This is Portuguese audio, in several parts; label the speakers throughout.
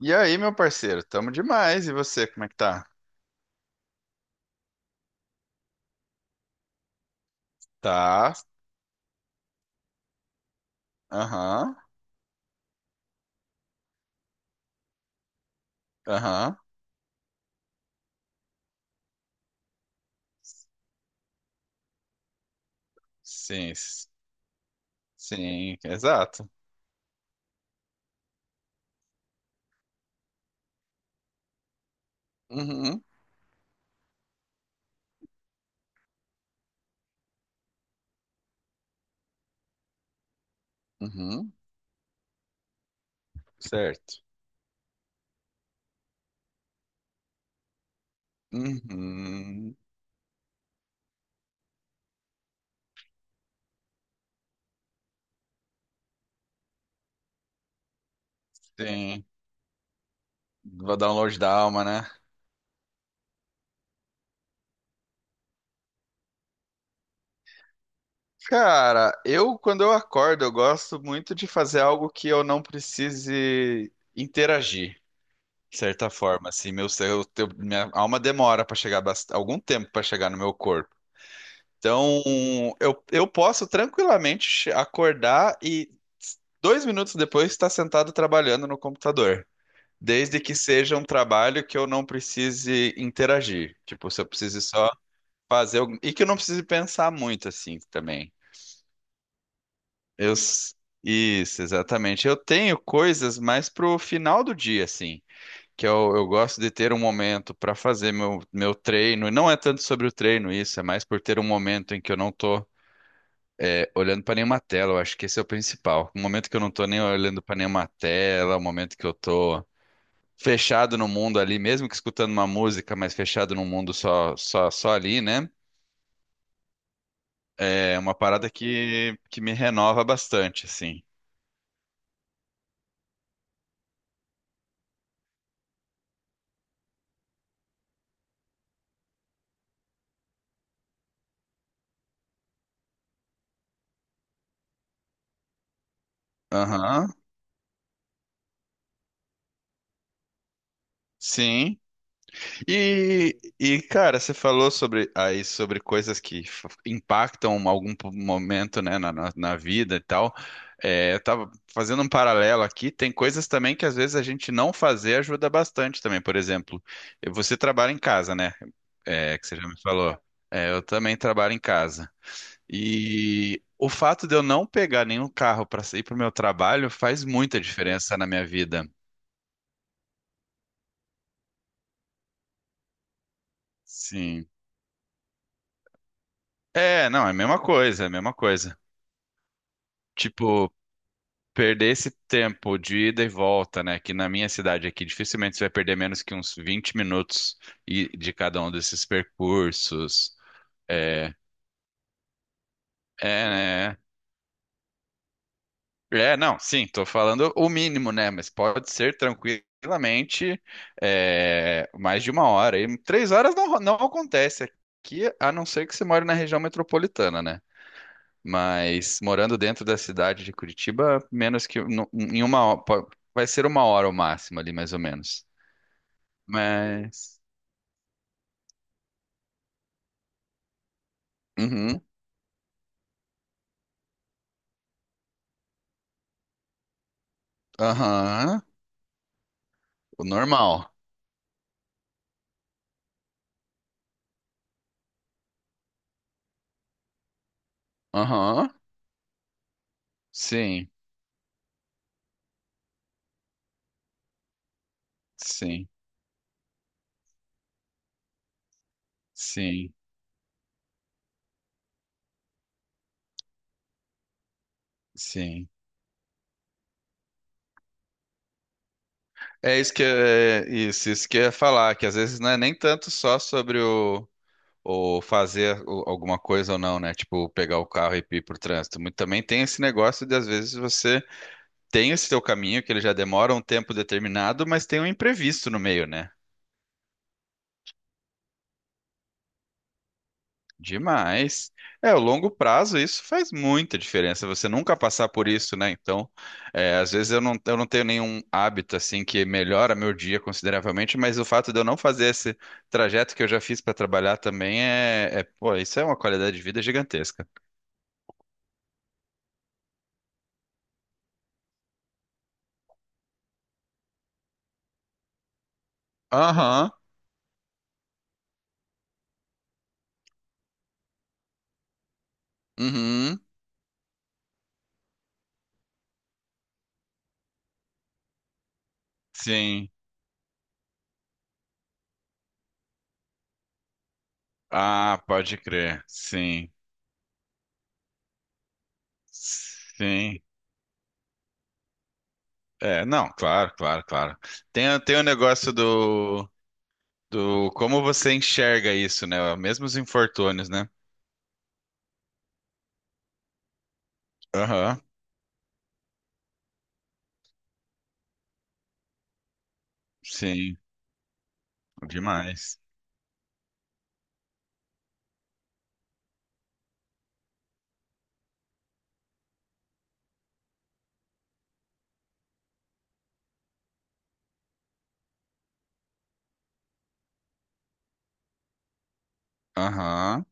Speaker 1: E aí, meu parceiro, tamo demais. E você, como é que tá? Tá. Aham. Aham. Sim. Sim, exato. Uhum. Uhum. Certo. Uhum. Sim. Vou dar um download da alma, né? Cara, eu quando eu acordo, eu gosto muito de fazer algo que eu não precise interagir, de certa forma, assim, minha alma demora para chegar algum tempo para chegar no meu corpo. Então, eu posso tranquilamente acordar e 2 minutos depois estar sentado trabalhando no computador. Desde que seja um trabalho que eu não precise interagir. Tipo, se eu precise só fazer. E que eu não precise pensar muito assim também. Eu... s- Isso, exatamente. Eu tenho coisas mais pro final do dia, assim. Que eu gosto de ter um momento para fazer meu treino. E não é tanto sobre o treino isso, é mais por ter um momento em que eu não tô olhando para nenhuma tela, eu acho que esse é o principal. O momento que eu não tô nem olhando para nenhuma tela, o momento que eu tô fechado no mundo ali, mesmo que escutando uma música, mas fechado no mundo só ali, né? É uma parada que me renova bastante, assim. Aham. Sim. E, cara, você falou sobre coisas que impactam algum momento, né, na vida e tal. É, eu tava fazendo um paralelo aqui. Tem coisas também que às vezes a gente não fazer ajuda bastante também. Por exemplo, você trabalha em casa, né? É, que você já me falou. É, eu também trabalho em casa. E o fato de eu não pegar nenhum carro para sair para o meu trabalho faz muita diferença na minha vida. Sim. É, não, é a mesma coisa, é a mesma coisa. Tipo, perder esse tempo de ida e volta, né? Que na minha cidade aqui, dificilmente você vai perder menos que uns 20 minutos de cada um desses percursos. É, é, né? É, não, sim, tô falando o mínimo, né? Mas pode ser tranquilamente é, mais de uma hora. E 3 horas não, não acontece aqui, a não ser que você mora na região metropolitana, né? Mas morando dentro da cidade de Curitiba, menos que em uma hora, vai ser uma hora o máximo ali, mais ou menos. Mas. Uhum. Aham. O normal. Aham. Sim. Sim. Sim. Sim. Isso que eu ia falar, que às vezes não é nem tanto só sobre o fazer alguma coisa ou não, né? Tipo, pegar o carro e ir pro trânsito. Muito também tem esse negócio de às vezes você tem esse teu caminho que ele já demora um tempo determinado, mas tem um imprevisto no meio, né? Demais. É, o longo prazo, isso faz muita diferença. Você nunca passar por isso, né? Então, é, às vezes eu não tenho nenhum hábito assim que melhora meu dia consideravelmente, mas o fato de eu não fazer esse trajeto que eu já fiz para trabalhar também pô, isso é uma qualidade de vida gigantesca. Aham. Uhum. Sim. Ah, pode crer. Sim. Sim. É, não, claro, claro, claro. Tem o negócio do como você enxerga isso, né? Mesmo os infortúnios, né? Aham, sim, demais. Aham,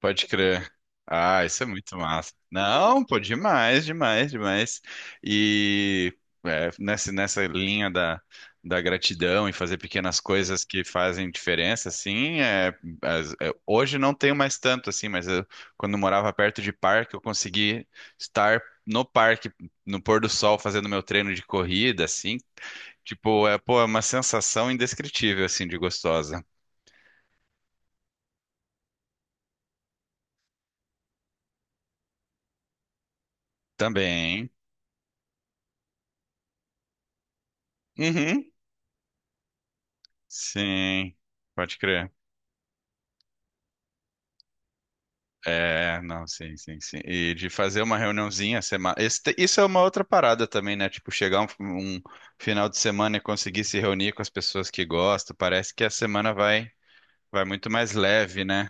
Speaker 1: pode crer. Ah, isso é muito massa. Não, pô, demais, demais, demais. E é, nessa linha da gratidão e fazer pequenas coisas que fazem diferença, assim, é, é, hoje não tenho mais tanto, assim, mas eu, quando eu morava perto de parque, eu consegui estar no parque, no pôr do sol, fazendo meu treino de corrida, assim, tipo, é, pô, é uma sensação indescritível, assim, de gostosa. Também. Uhum. Sim, pode crer. É, não, sim, sim, sim. E de fazer uma reuniãozinha semana. Isso é uma outra parada também, né? Tipo, chegar um final de semana e conseguir se reunir com as pessoas que gostam. Parece que a semana vai muito mais leve, né?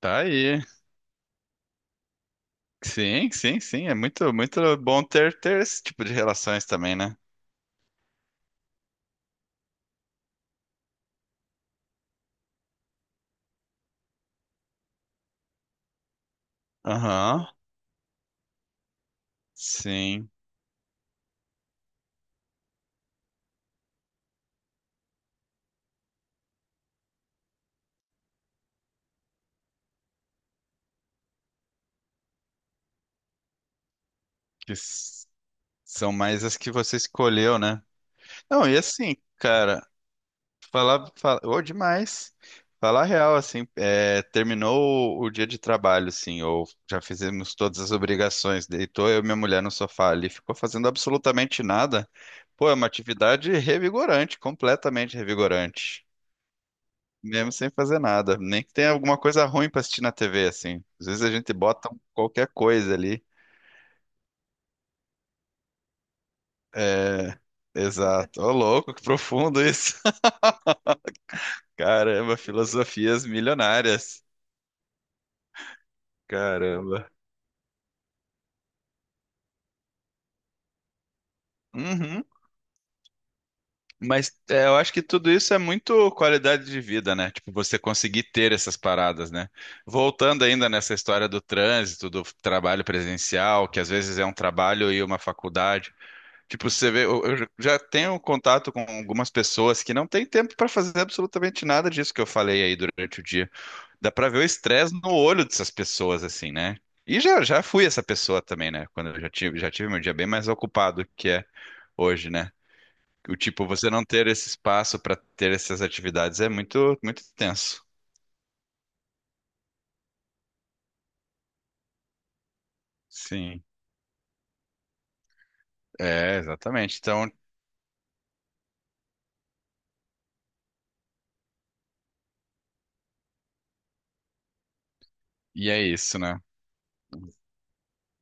Speaker 1: Tá aí. Sim, sim, sim. É muito, muito bom ter esse tipo de relações também, né? Aham. Sim. Que São mais as que você escolheu, né? Não, e assim, cara, falar, ô, demais. Falar real, assim, é, terminou o dia de trabalho, assim, ou já fizemos todas as obrigações, deitou eu e minha mulher no sofá ali, ficou fazendo absolutamente nada. Pô, é uma atividade revigorante, completamente revigorante. Mesmo sem fazer nada. Nem que tenha alguma coisa ruim pra assistir na TV, assim. Às vezes a gente bota qualquer coisa ali. É, exato. Ô, louco, que profundo isso. Caramba, filosofias milionárias. Caramba. Uhum. Mas é, eu acho que tudo isso é muito qualidade de vida, né? Tipo, você conseguir ter essas paradas, né? Voltando ainda nessa história do trânsito, do trabalho presencial, que às vezes é um trabalho e uma faculdade. Tipo, você vê, eu já tenho contato com algumas pessoas que não têm tempo para fazer absolutamente nada disso que eu falei aí durante o dia. Dá pra ver o estresse no olho dessas pessoas, assim, né? E já fui essa pessoa também, né? Quando eu já tive meu dia bem mais ocupado que é hoje, né? O Tipo, você não ter esse espaço pra ter essas atividades é muito, muito tenso. Sim, é, exatamente. Então, e é isso, né?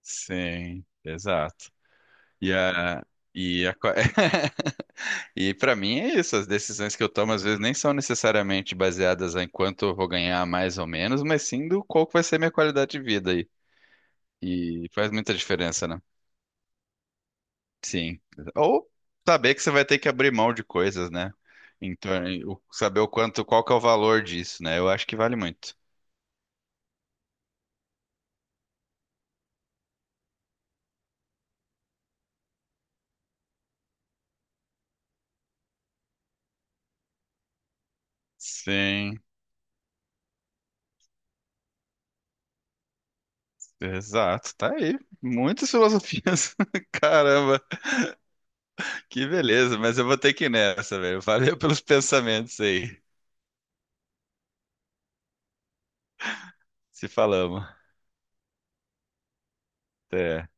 Speaker 1: Sim, exato. E a, e a, co- e para mim é isso. As decisões que eu tomo às vezes nem são necessariamente baseadas em quanto eu vou ganhar mais ou menos, mas sim do qual que vai ser minha qualidade de vida. E faz muita diferença, né? Sim. Ou saber que você vai ter que abrir mão de coisas, né? Então, saber o quanto, qual que é o valor disso, né? Eu acho que vale muito. Sim, exato. Tá aí. Muitas filosofias. Caramba, que beleza. Mas eu vou ter que ir nessa, velho. Valeu pelos pensamentos aí. Se falamos. Até.